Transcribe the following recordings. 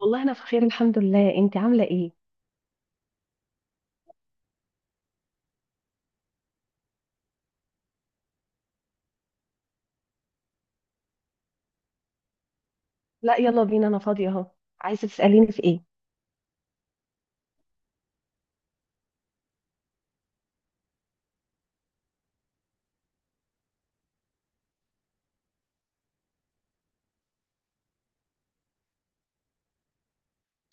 والله انا في خير الحمد لله. انت عامله ايه؟ لا، يلا بينا، انا فاضيه اهو. عايزه تساليني في ايه؟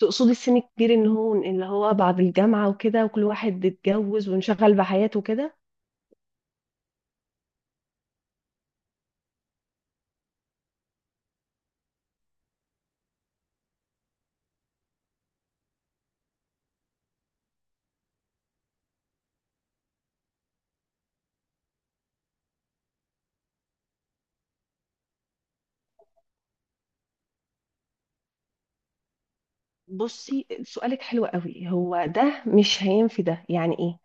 تقصدي السن الكبير ان هو اللي هو بعد الجامعه وكده، وكل واحد اتجوز وانشغل بحياته كده. بصي، سؤالك حلو قوي. هو ده مش هينفي، ده يعني ايه؟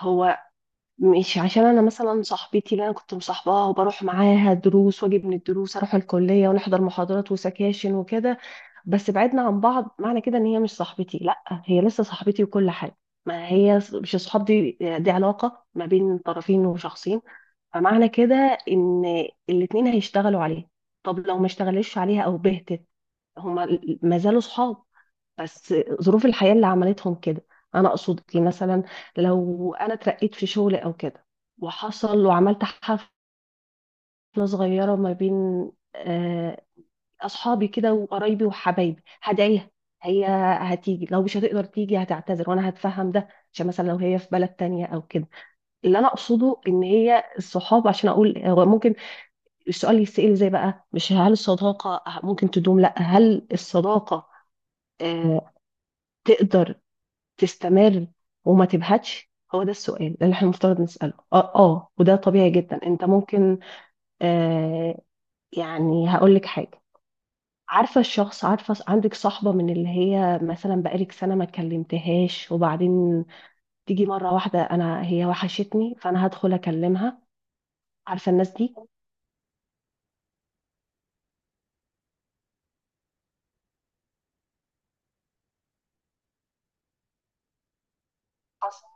هو مش عشان انا مثلا صاحبتي اللي انا كنت مصاحباها وبروح معاها دروس واجي من الدروس اروح الكليه ونحضر محاضرات وسكاشن وكده، بس بعدنا عن بعض معنى كده ان هي مش صاحبتي. لا، هي لسه صاحبتي وكل حاجه. ما هي مش الصحاب دي علاقه ما بين طرفين وشخصين. فمعنى كده ان الاتنين هيشتغلوا عليها. طب لو ما اشتغلوش عليها او بهتت، هما ما زالوا صحاب، بس ظروف الحياه اللي عملتهم كده. انا اقصد إيه؟ مثلا لو انا اترقيت في شغل او كده، وحصل وعملت حفله صغيره ما بين آه، اصحابي كده وقرايبي وحبايبي، هدعيها. هي هتيجي، لو مش هتقدر تيجي هتعتذر وانا هتفهم ده، عشان مثلا لو هي في بلد تانية او كده. اللي انا اقصده ان هي الصحاب، عشان اقول هو ممكن السؤال يتسأل زي بقى، مش هل الصداقة ممكن تدوم، لا، هل الصداقة آه تقدر تستمر وما تبهتش. هو ده السؤال اللي احنا المفترض نسأله وده طبيعي جدا. انت ممكن آه يعني هقول لك حاجة. عارفة الشخص، عارفة عندك صاحبة من اللي هي مثلا بقالك سنة ما كلمتهاش، وبعدين تيجي مرة واحدة أنا هي وحشتني، فأنا هدخل أكلمها. عارفة الناس دي. حصل،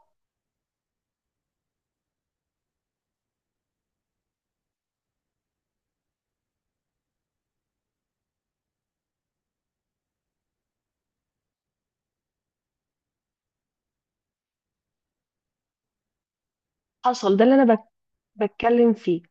ده اللي أنا بتكلم فيه.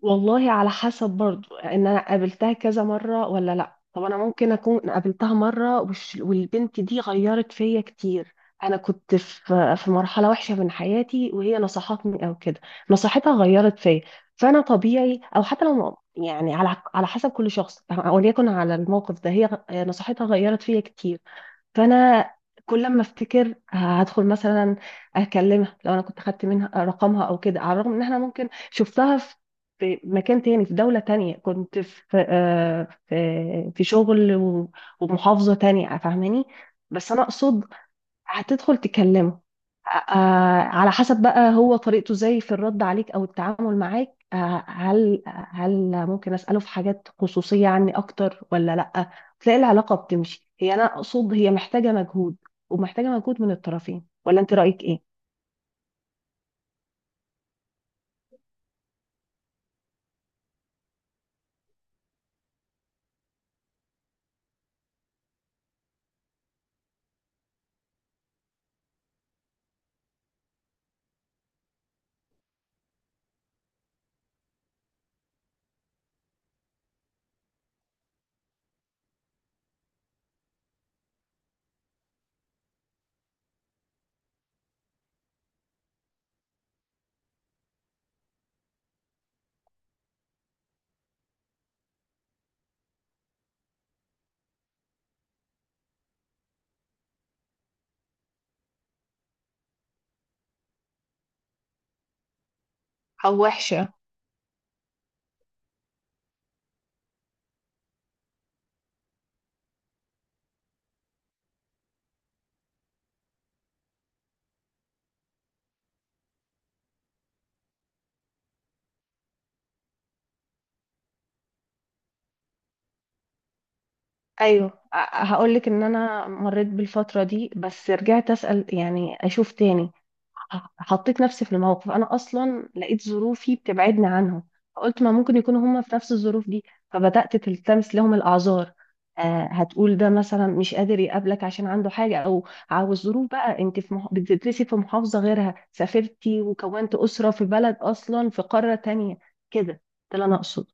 والله، على حسب برضو ان انا قابلتها كذا مره ولا لا. طب انا ممكن اكون قابلتها مره والبنت دي غيرت فيا كتير. انا كنت في مرحله وحشه من حياتي، وهي نصحتني او كده، نصيحتها غيرت فيا. فانا طبيعي، او حتى لو يعني على حسب كل شخص، وليكن على الموقف ده هي نصيحتها غيرت فيا كتير. فانا كل ما افتكر هدخل مثلا اكلمها، لو انا كنت خدت منها رقمها او كده، على الرغم ان احنا ممكن شفتها في في مكان تاني في دولة تانية. كنت في في شغل ومحافظة تانية، فاهماني؟ بس انا اقصد هتدخل تكلمه. على حسب بقى هو طريقته ازاي في الرد عليك او التعامل معاك. هل ممكن اساله في حاجات خصوصيه عني اكتر ولا لا. تلاقي العلاقه بتمشي. هي انا اقصد هي محتاجه مجهود، ومحتاجه مجهود من الطرفين، ولا انت رايك ايه؟ او وحشة. ايوه، هقول لك ان انا مريت بالفتره دي، بس رجعت اسال، يعني اشوف تاني. حطيت نفسي في الموقف. انا اصلا لقيت ظروفي بتبعدني عنهم، فقلت ما ممكن يكونوا هما في نفس الظروف دي، فبدات تلتمس لهم الاعذار. آه، هتقول ده مثلا مش قادر يقابلك عشان عنده حاجه، او عاوز ظروف بقى، انت في بتدرسي في محافظه غيرها، سافرتي وكونت اسره في بلد اصلا في قاره تانية. كده ده اللي انا اقصد.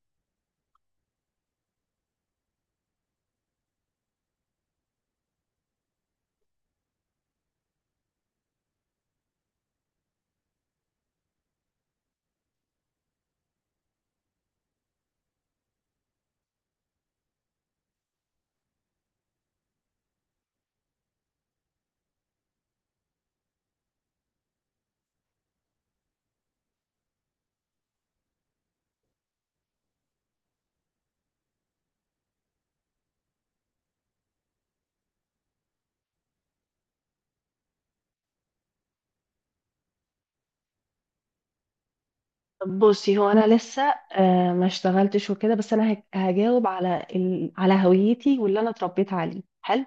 بصي، هو انا لسه ما اشتغلتش وكده، بس انا هجاوب على على هويتي واللي انا اتربيت عليه حلو.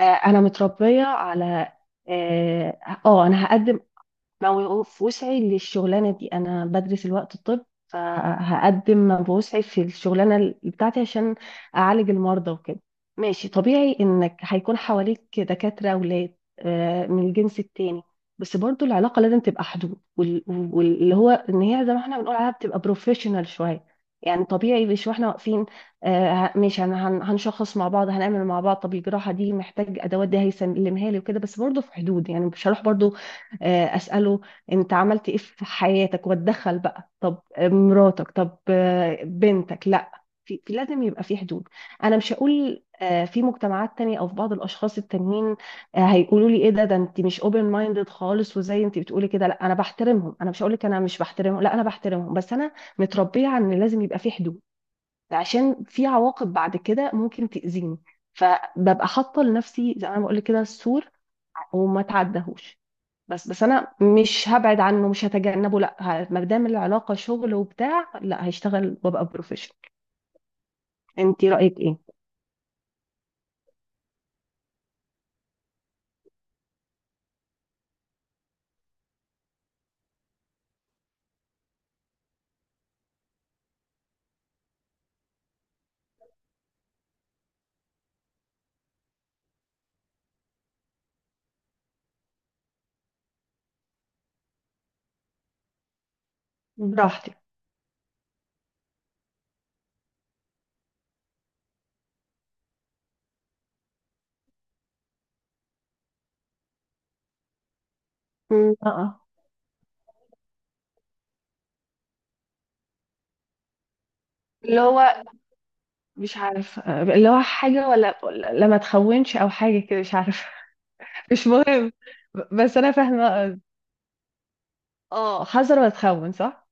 انا متربيه على اه انا هقدم لو في وسعي للشغلانة دي. أنا بدرس الوقت الطب، فهقدم ما بوسعي في الشغلانة بتاعتي عشان أعالج المرضى وكده. ماشي، طبيعي إنك هيكون حواليك دكاترة أولاد من الجنس التاني، بس برضو العلاقة لازم تبقى حدود واللي هو إن هي زي ما احنا بنقول عليها بتبقى بروفيشنال شوية. يعني طبيعي، مش واحنا واقفين، ماشي، هنشخص مع بعض، هنعمل مع بعض. طب الجراحة دي محتاج أدوات، دي هيسلمها لي وكده، بس برضو في حدود. يعني مش هروح برضو اساله انت عملت ايه في حياتك، واتدخل بقى طب مراتك، طب بنتك. لا، في لازم يبقى في حدود. انا مش هقول، في مجتمعات تانية او في بعض الاشخاص التانيين هيقولوا لي ايه ده، ده انت مش اوبن مايندد خالص، وزي انت بتقولي كده. لا، انا بحترمهم، انا مش هقول لك انا مش بحترمهم، لا، انا بحترمهم، بس انا متربيه على ان لازم يبقى في حدود، عشان في عواقب بعد كده ممكن تاذيني. فببقى حاطه لنفسي زي ما بقول لك كده السور، وما تعدهوش. بس انا مش هبعد عنه، مش هتجنبه، لا، ما دام العلاقه شغل وبتاع، لا، هشتغل وابقى بروفيشنال. انت رايك ايه؟ براحتك. مم، اه. اللي هو مش عارف، اللي هو حاجه، ولا لا، ما تخونش او حاجه كده، مش عارف. مش مهم. بس انا فاهمه. اه، حذر ولا تخون، صح.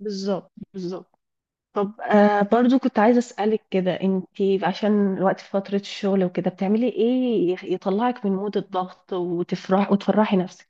بالظبط، بالظبط. طب، آه، برضو كنت عايزه اسالك كده انت، عشان الوقت في فتره الشغل وكده، بتعملي ايه يطلعك من مود الضغط وتفرح وتفرحي نفسك؟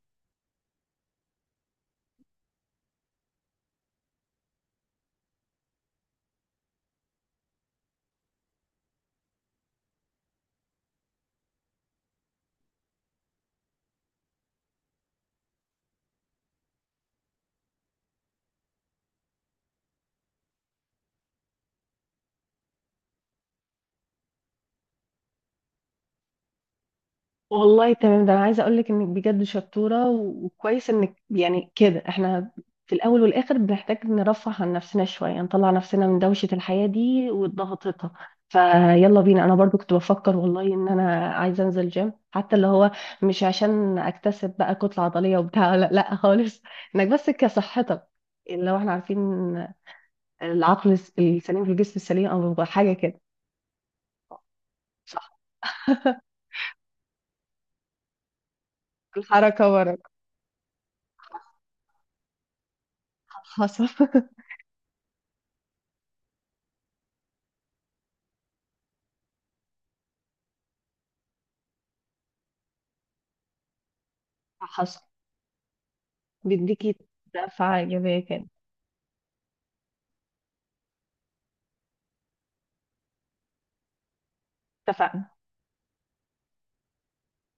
والله تمام. ده انا عايزه اقول لك انك بجد شطوره، وكويس انك يعني كده. احنا في الاول والاخر بنحتاج نرفه عن نفسنا شويه، نطلع نفسنا من دوشه الحياه دي وضغطتها. فيلا بينا، انا برضو كنت بفكر والله ان انا عايزه انزل جيم، حتى اللي هو مش عشان اكتسب بقى كتله عضليه وبتاع. لا لا خالص، انك بس كصحتك. لو احنا عارفين، العقل السليم في الجسم السليم، او حاجه كده. صح. الحركه ورا. حصل. حصل. بيديكي دفعة إيجابية كده. اتفقنا.